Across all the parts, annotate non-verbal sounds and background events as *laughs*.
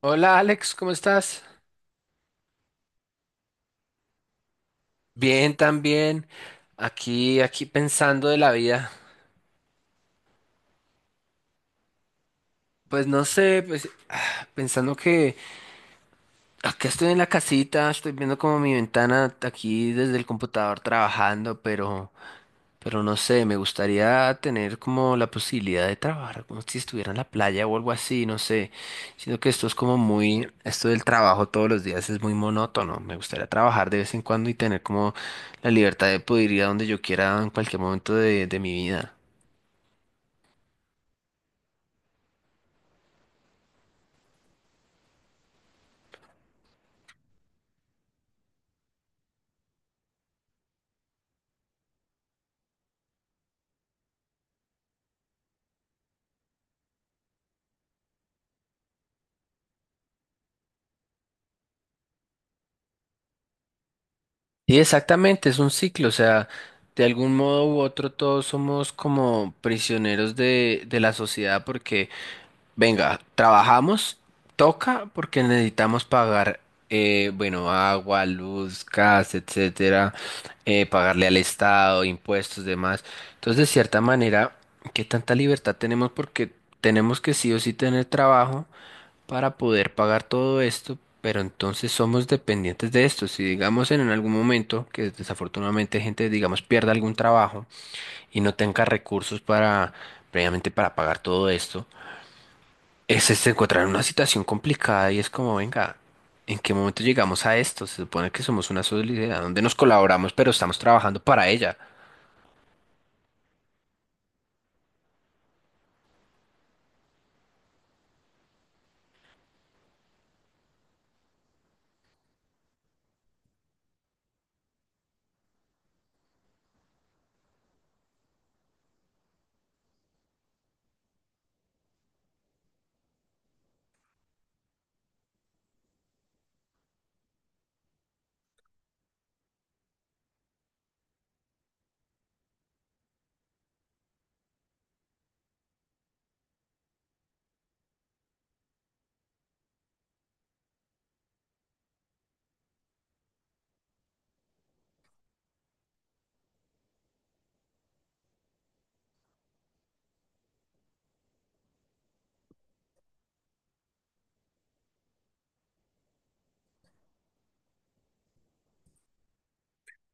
Hola Alex, ¿cómo estás? Bien, también. Aquí pensando de la vida. Pues no sé, pues pensando que acá estoy en la casita, estoy viendo como mi ventana aquí desde el computador trabajando, pero pero no sé, me gustaría tener como la posibilidad de trabajar como si estuviera en la playa o algo así, no sé. Sino que esto es como muy, esto del trabajo todos los días es muy monótono. Me gustaría trabajar de vez en cuando y tener como la libertad de poder ir a donde yo quiera en cualquier momento de mi vida. Sí, exactamente, es un ciclo, o sea, de algún modo u otro todos somos como prisioneros de la sociedad porque venga, trabajamos, toca porque necesitamos pagar, bueno, agua, luz, gas, etcétera, pagarle al Estado, impuestos, demás. Entonces, de cierta manera, ¿qué tanta libertad tenemos? Porque tenemos que sí o sí tener trabajo para poder pagar todo esto, pero entonces somos dependientes de esto. Si digamos en algún momento que desafortunadamente gente, digamos, pierda algún trabajo y no tenga recursos para, previamente para pagar todo esto es este en una situación complicada y es como, venga, ¿en qué momento llegamos a esto? Se supone que somos una sociedad donde nos colaboramos, pero estamos trabajando para ella.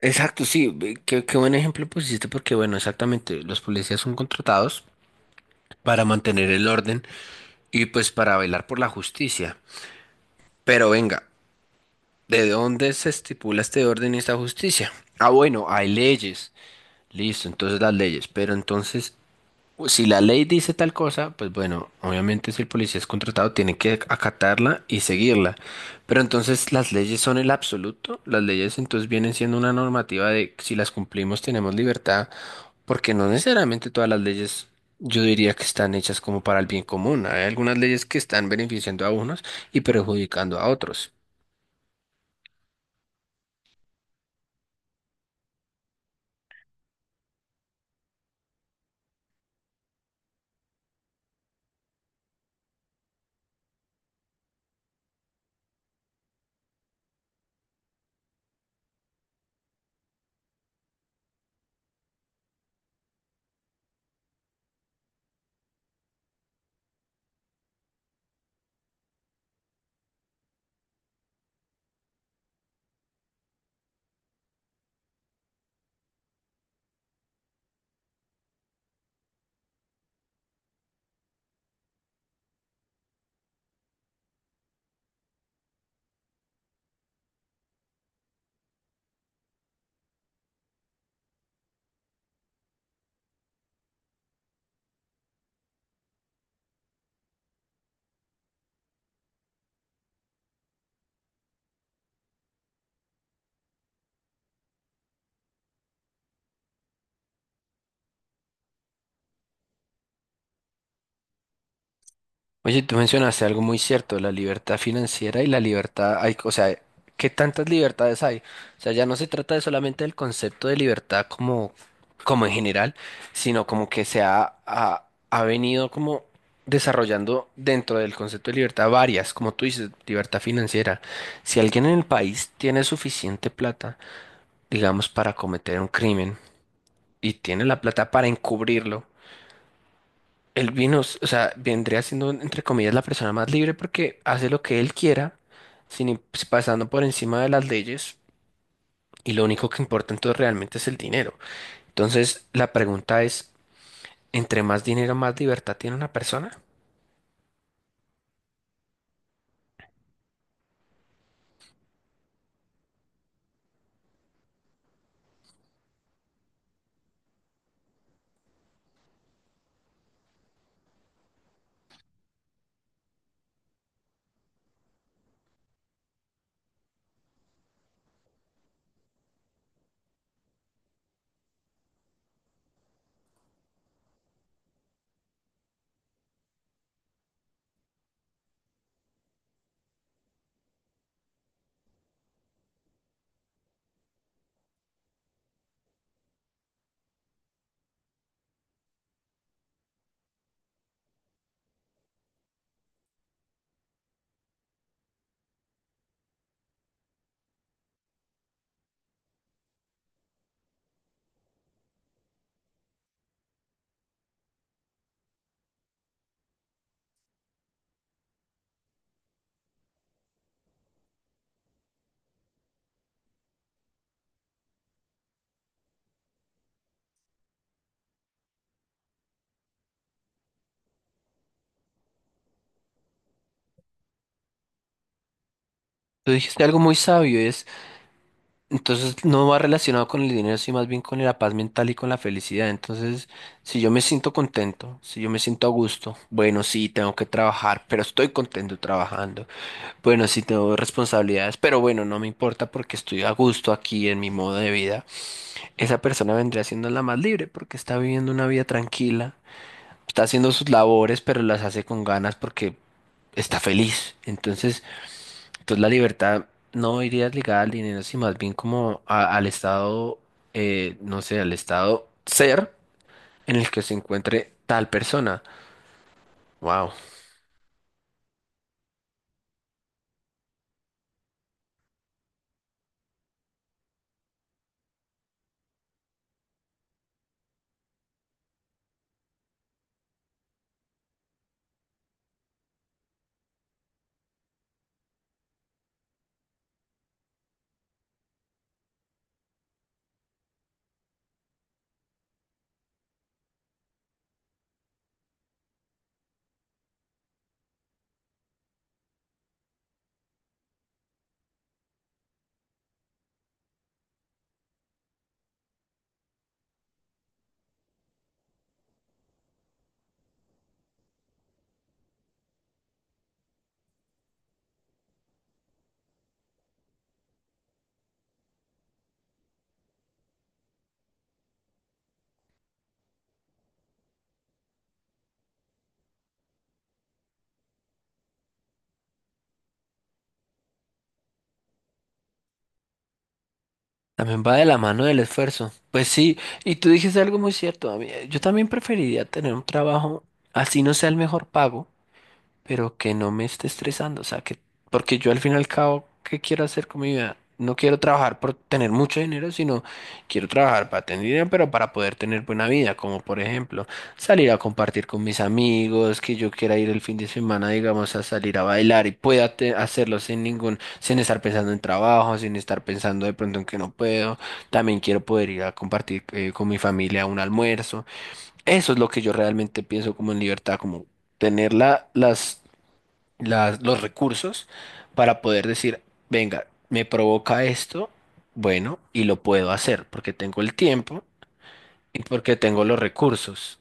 Exacto, sí, qué buen ejemplo pusiste porque, bueno, exactamente, los policías son contratados para mantener el orden y pues para velar por la justicia. Pero venga, ¿de dónde se estipula este orden y esta justicia? Ah, bueno, hay leyes. Listo, entonces las leyes. Pero entonces, si la ley dice tal cosa, pues bueno, obviamente si el policía es contratado tiene que acatarla y seguirla. Pero entonces las leyes son el absoluto, las leyes entonces vienen siendo una normativa de si las cumplimos tenemos libertad, porque no necesariamente todas las leyes yo diría que están hechas como para el bien común. Hay algunas leyes que están beneficiando a unos y perjudicando a otros. Oye, tú mencionaste algo muy cierto, la libertad financiera y la libertad, hay, o sea, ¿qué tantas libertades hay? O sea, ya no se trata de solamente del concepto de libertad como, como en general, sino como que se ha venido como desarrollando dentro del concepto de libertad varias, como tú dices, libertad financiera. Si alguien en el país tiene suficiente plata, digamos, para cometer un crimen y tiene la plata para encubrirlo, o sea, vendría siendo, entre comillas, la persona más libre porque hace lo que él quiera, sin im- pues, pasando por encima de las leyes, y lo único que importa entonces realmente es el dinero. Entonces, la pregunta es, ¿entre más dinero, más libertad tiene una persona? Tú dijiste algo muy sabio, es, entonces no va relacionado con el dinero, sino más bien con la paz mental y con la felicidad. Entonces, si yo me siento contento, si yo me siento a gusto, bueno, sí, tengo que trabajar, pero estoy contento trabajando. Bueno, sí tengo responsabilidades, pero bueno, no me importa porque estoy a gusto aquí en mi modo de vida. Esa persona vendría siendo la más libre porque está viviendo una vida tranquila, está haciendo sus labores, pero las hace con ganas porque está feliz. Entonces, entonces la libertad no iría ligada al dinero, sino más bien como al estado, no sé, al estado ser en el que se encuentre tal persona. Wow. También va de la mano del esfuerzo. Pues sí, y tú dijiste algo muy cierto. A mí, yo también preferiría tener un trabajo así no sea el mejor pago pero que no me esté estresando, o sea, que, porque yo al fin y al cabo, ¿qué quiero hacer con mi vida? No quiero trabajar por tener mucho dinero, sino quiero trabajar para tener dinero, pero para poder tener buena vida, como por ejemplo salir a compartir con mis amigos, que yo quiera ir el fin de semana, digamos, a salir a bailar y pueda hacerlo sin ningún, sin estar pensando en trabajo, sin estar pensando de pronto en que no puedo. También quiero poder ir a compartir con mi familia un almuerzo. Eso es lo que yo realmente pienso como en libertad, como tener las los recursos para poder decir, venga, me provoca esto, bueno, y lo puedo hacer porque tengo el tiempo y porque tengo los recursos.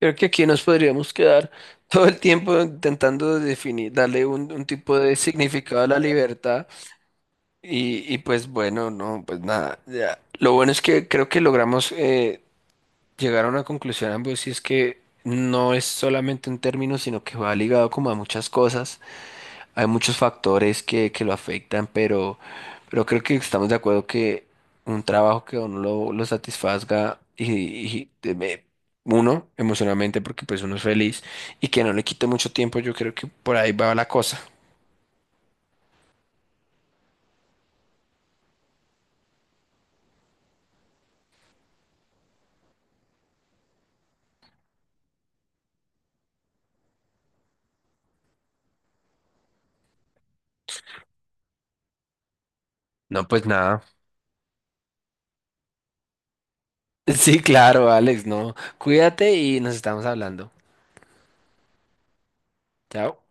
Creo que aquí nos podríamos quedar todo el tiempo intentando definir, darle un tipo de significado a la libertad y pues bueno, no, pues nada, ya. Lo bueno es que creo que logramos llegar a una conclusión ambos y es que no es solamente un término, sino que va ligado como a muchas cosas. Hay muchos factores que lo afectan, pero creo que estamos de acuerdo que un trabajo que a uno lo satisfazga y, y de- me- uno emocionalmente porque pues uno es feliz y que no le quite mucho tiempo, yo creo que por ahí va la cosa. No, pues nada. *laughs* Sí, claro, Alex, no. Cuídate y nos estamos hablando. Chao.